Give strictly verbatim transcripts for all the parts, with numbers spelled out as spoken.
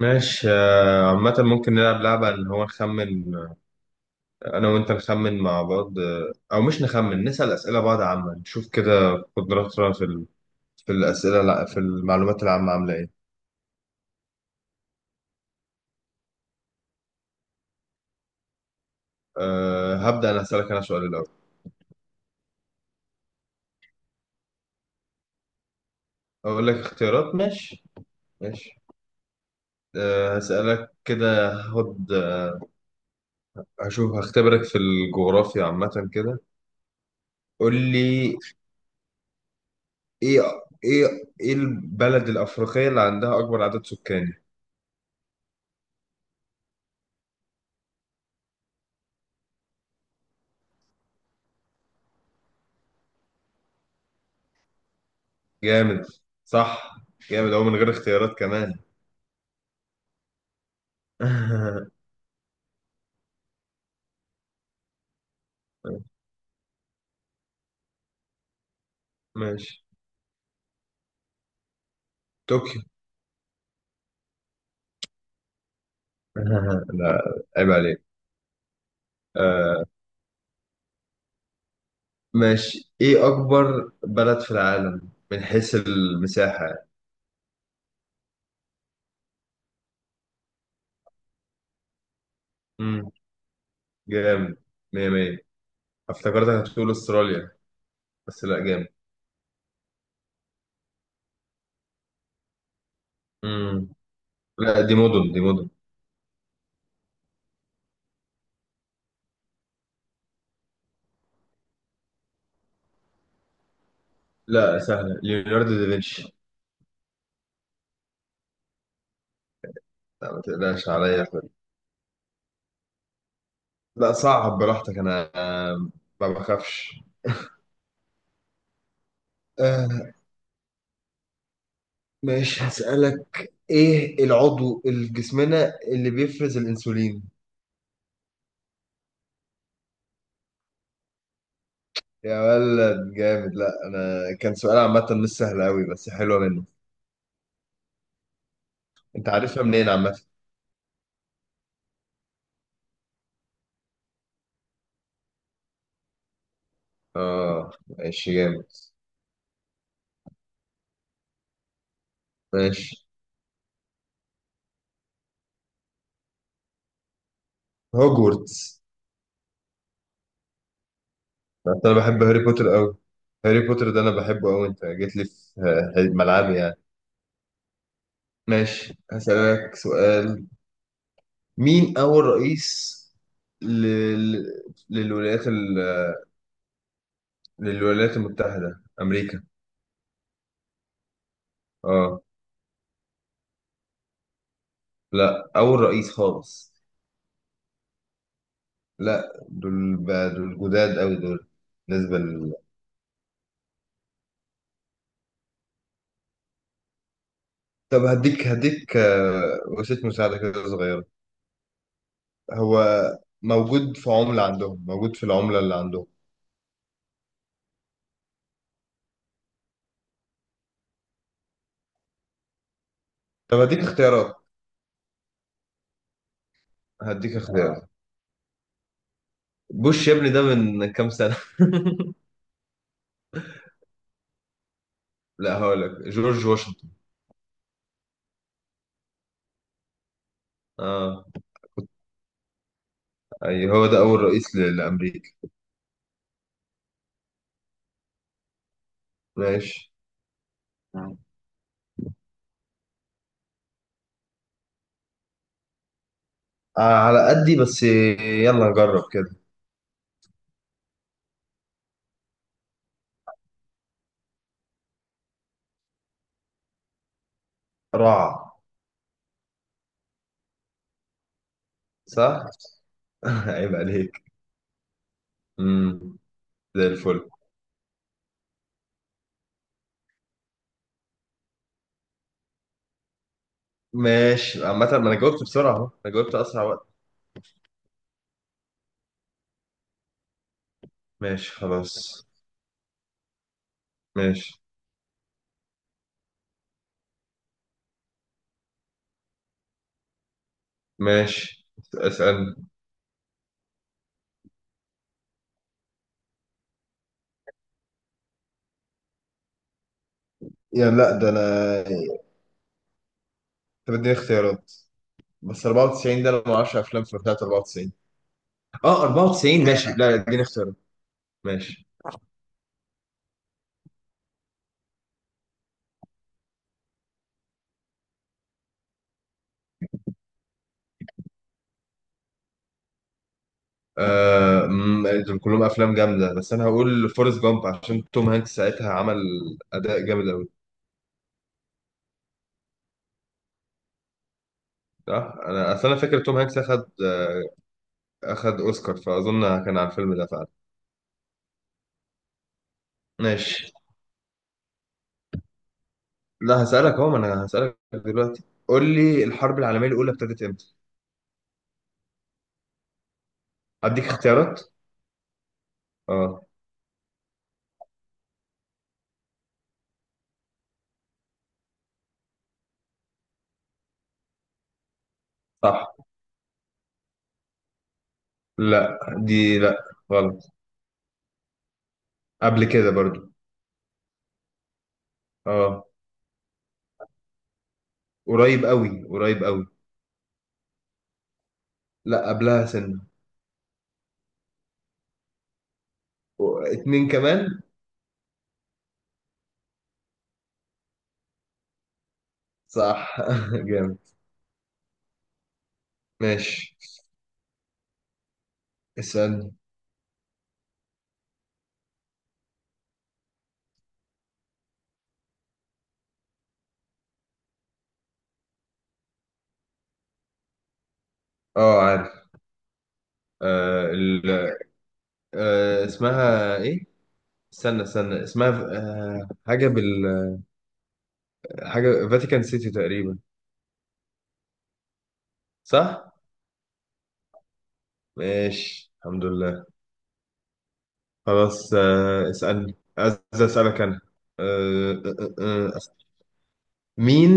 ماشي، آه، عامة ممكن نلعب لعبة اللي هو نخمن. أنا وأنت نخمن مع بعض، آه، أو مش نخمن، نسأل أسئلة بعض عامة نشوف كده قدراتنا في ال... في الأسئلة، لا في المعلومات العامة عاملة إيه. أه هبدأ أنا، أسألك أنا سؤال الأول. أقول لك اختيارات، ماشي. ماشي، أه هسألك كده، هاخد هشوف، هختبرك في الجغرافيا عامة كده. قول لي، إيه إيه إيه البلد الأفريقية اللي عندها أكبر عدد سكان؟ جامد، صح، جامد أهو من غير اختيارات كمان. ماشي. طوكيو. لا، عيب عليك. آه ماشي. إيه أكبر بلد في العالم من حيث المساحة يعني؟ مم. جامد، مية مية. افتكرتك هتقول أستراليا. بس لا، جامد. مم. لا، دي مدن دي مدن. لا، سهلة، ليوناردو دافنشي. لا، ما تقلقش عليا. لا، صعب براحتك. أنا آه، ما بخافش. ماشي، هسألك ايه العضو الجسمنا اللي بيفرز الانسولين؟ يا ولد، جامد. لا، انا كان سؤال عامة مش سهل قوي، بس حلوة منه. انت عارفها منين عامة؟ اه، ماشي جامد. ماشي. هوجورتس. بس انا بحب هاري بوتر قوي. هاري بوتر ده انا بحبه قوي، انت جيت لي في آه، ملعبي يعني. ماشي، هسألك سؤال. مين اول رئيس لل... للولايات ال... للولايات المتحدة امريكا؟ اه. لا، أول رئيس خالص. لا، دول بقى، دول جداد أوي دول. بالنسبة لل... طب، هديك هديك آه، وسيلة مساعدة كده صغيرة. هو موجود في عملة عندهم، موجود في العملة اللي عندهم. طب هديك اختيارات. هديك اختيارات. بوش يا ابني ده من كام سنة! لا، هقول لك جورج واشنطن. اه، اي هو ده أول رئيس ل- لأمريكا. ماشي، آه على قدي بس، يلا نجرب كده. رعى. صح؟ عيب عليك. امم. زي الفل. ماشي، عامة ما انا جاوبت بسرعة اهو، انا جاوبت اسرع وقت. ماشي، خلاص. ماشي، ماشي، اسألني. يعني لا، ده انا. طب اديني اختيارات. بس أربعة وتسعين ده، انا ما اعرفش افلام في بتاعت أربعة وتسعين. اه، أربعة وتسعين ماشي. لا، اديني اختيارات. ماشي. آه أمم، دول كلهم افلام جامدة، بس انا هقول فورست جامب عشان توم هانكس ساعتها عمل اداء جامد قوي. صح. انا اصل انا فاكر توم هانكس اخد آه، اخد اوسكار، فاظن كان على الفيلم ده فعلا. ماشي. لا، هسألك اهو، ما انا هسألك دلوقتي. قول لي، الحرب العالمية الأولى ابتدت امتى؟ أديك اختيارات؟ اه. صح. لا، دي، لا، غلط. قبل كده برضو. اه، قريب قوي قريب قوي. لا، قبلها سنة. و- اتنين كمان. صح. جامد. ماشي، اسألني. اه، عارف. آه ال... آه اسمها ايه؟ استنى استنى اسمها. آه حاجة بال حاجة فاتيكان سيتي تقريبا. صح؟ ماشي، الحمد لله. خلاص، آه، اسألني، عايز أسألك أنا. آه، آه، آه، آه. مين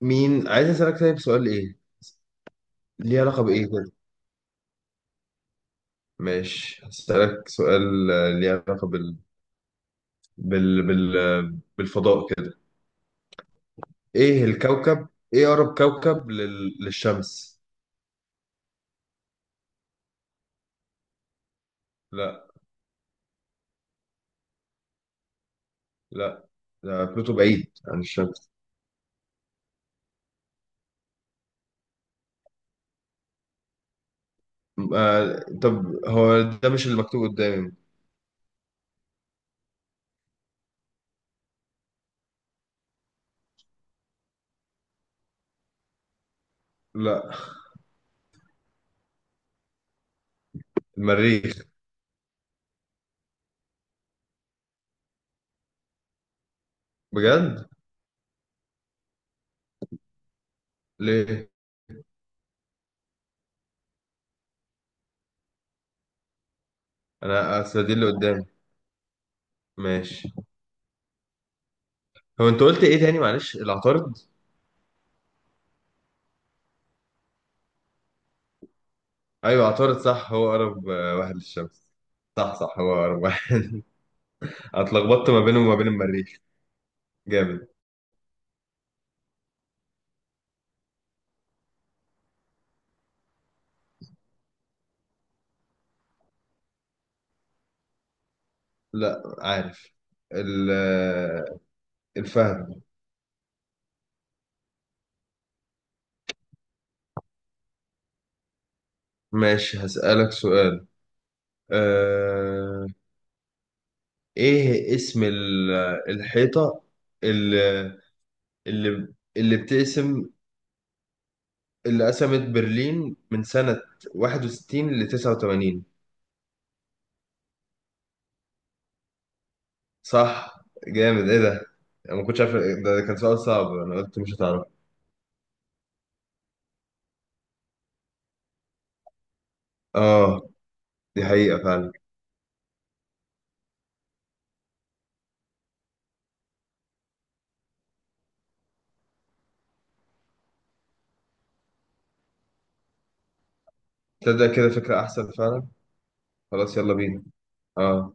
مين عايز أسألك، طيب سؤال إيه؟ ليه علاقة بإيه كده؟ ماشي، هسألك سؤال آه، ليه علاقة بال... بال... بال... آه، بالفضاء كده. إيه الكوكب؟ إيه أقرب كوكب لل... للشمس؟ لا، لا، ده بلوتو بعيد عن الشمس. آه... طب هو ده مش اللي مكتوب قدامي. لا، المريخ. بجد؟ ليه؟ أنا أصل دي اللي قدامي. ماشي. هو انت قلت ايه تاني معلش، العطارد. ايوه، عطارد صح، هو اقرب آه، واحد للشمس. صح، صح، هو اقرب واحد. أنا اتلخبطت ما بينه وما بين المريخ. جامد. لا، عارف. ال- آه، الفهد. ماشي، هسألك سؤال. أه... ايه اسم ال- آه، الحيطة، اللي اللي اللي بتقسم، اللي قسمت برلين من سنة واحد وستين ل تسعة وثمانين. صح. جامد، ايه ده! انا ما كنتش عارف، ده ده كان سؤال صعب. انا قلت مش هتعرف. اه، دي حقيقة فعلا. تبدأ كده فكرة أحسن فعلا. خلاص، يلا بينا. اه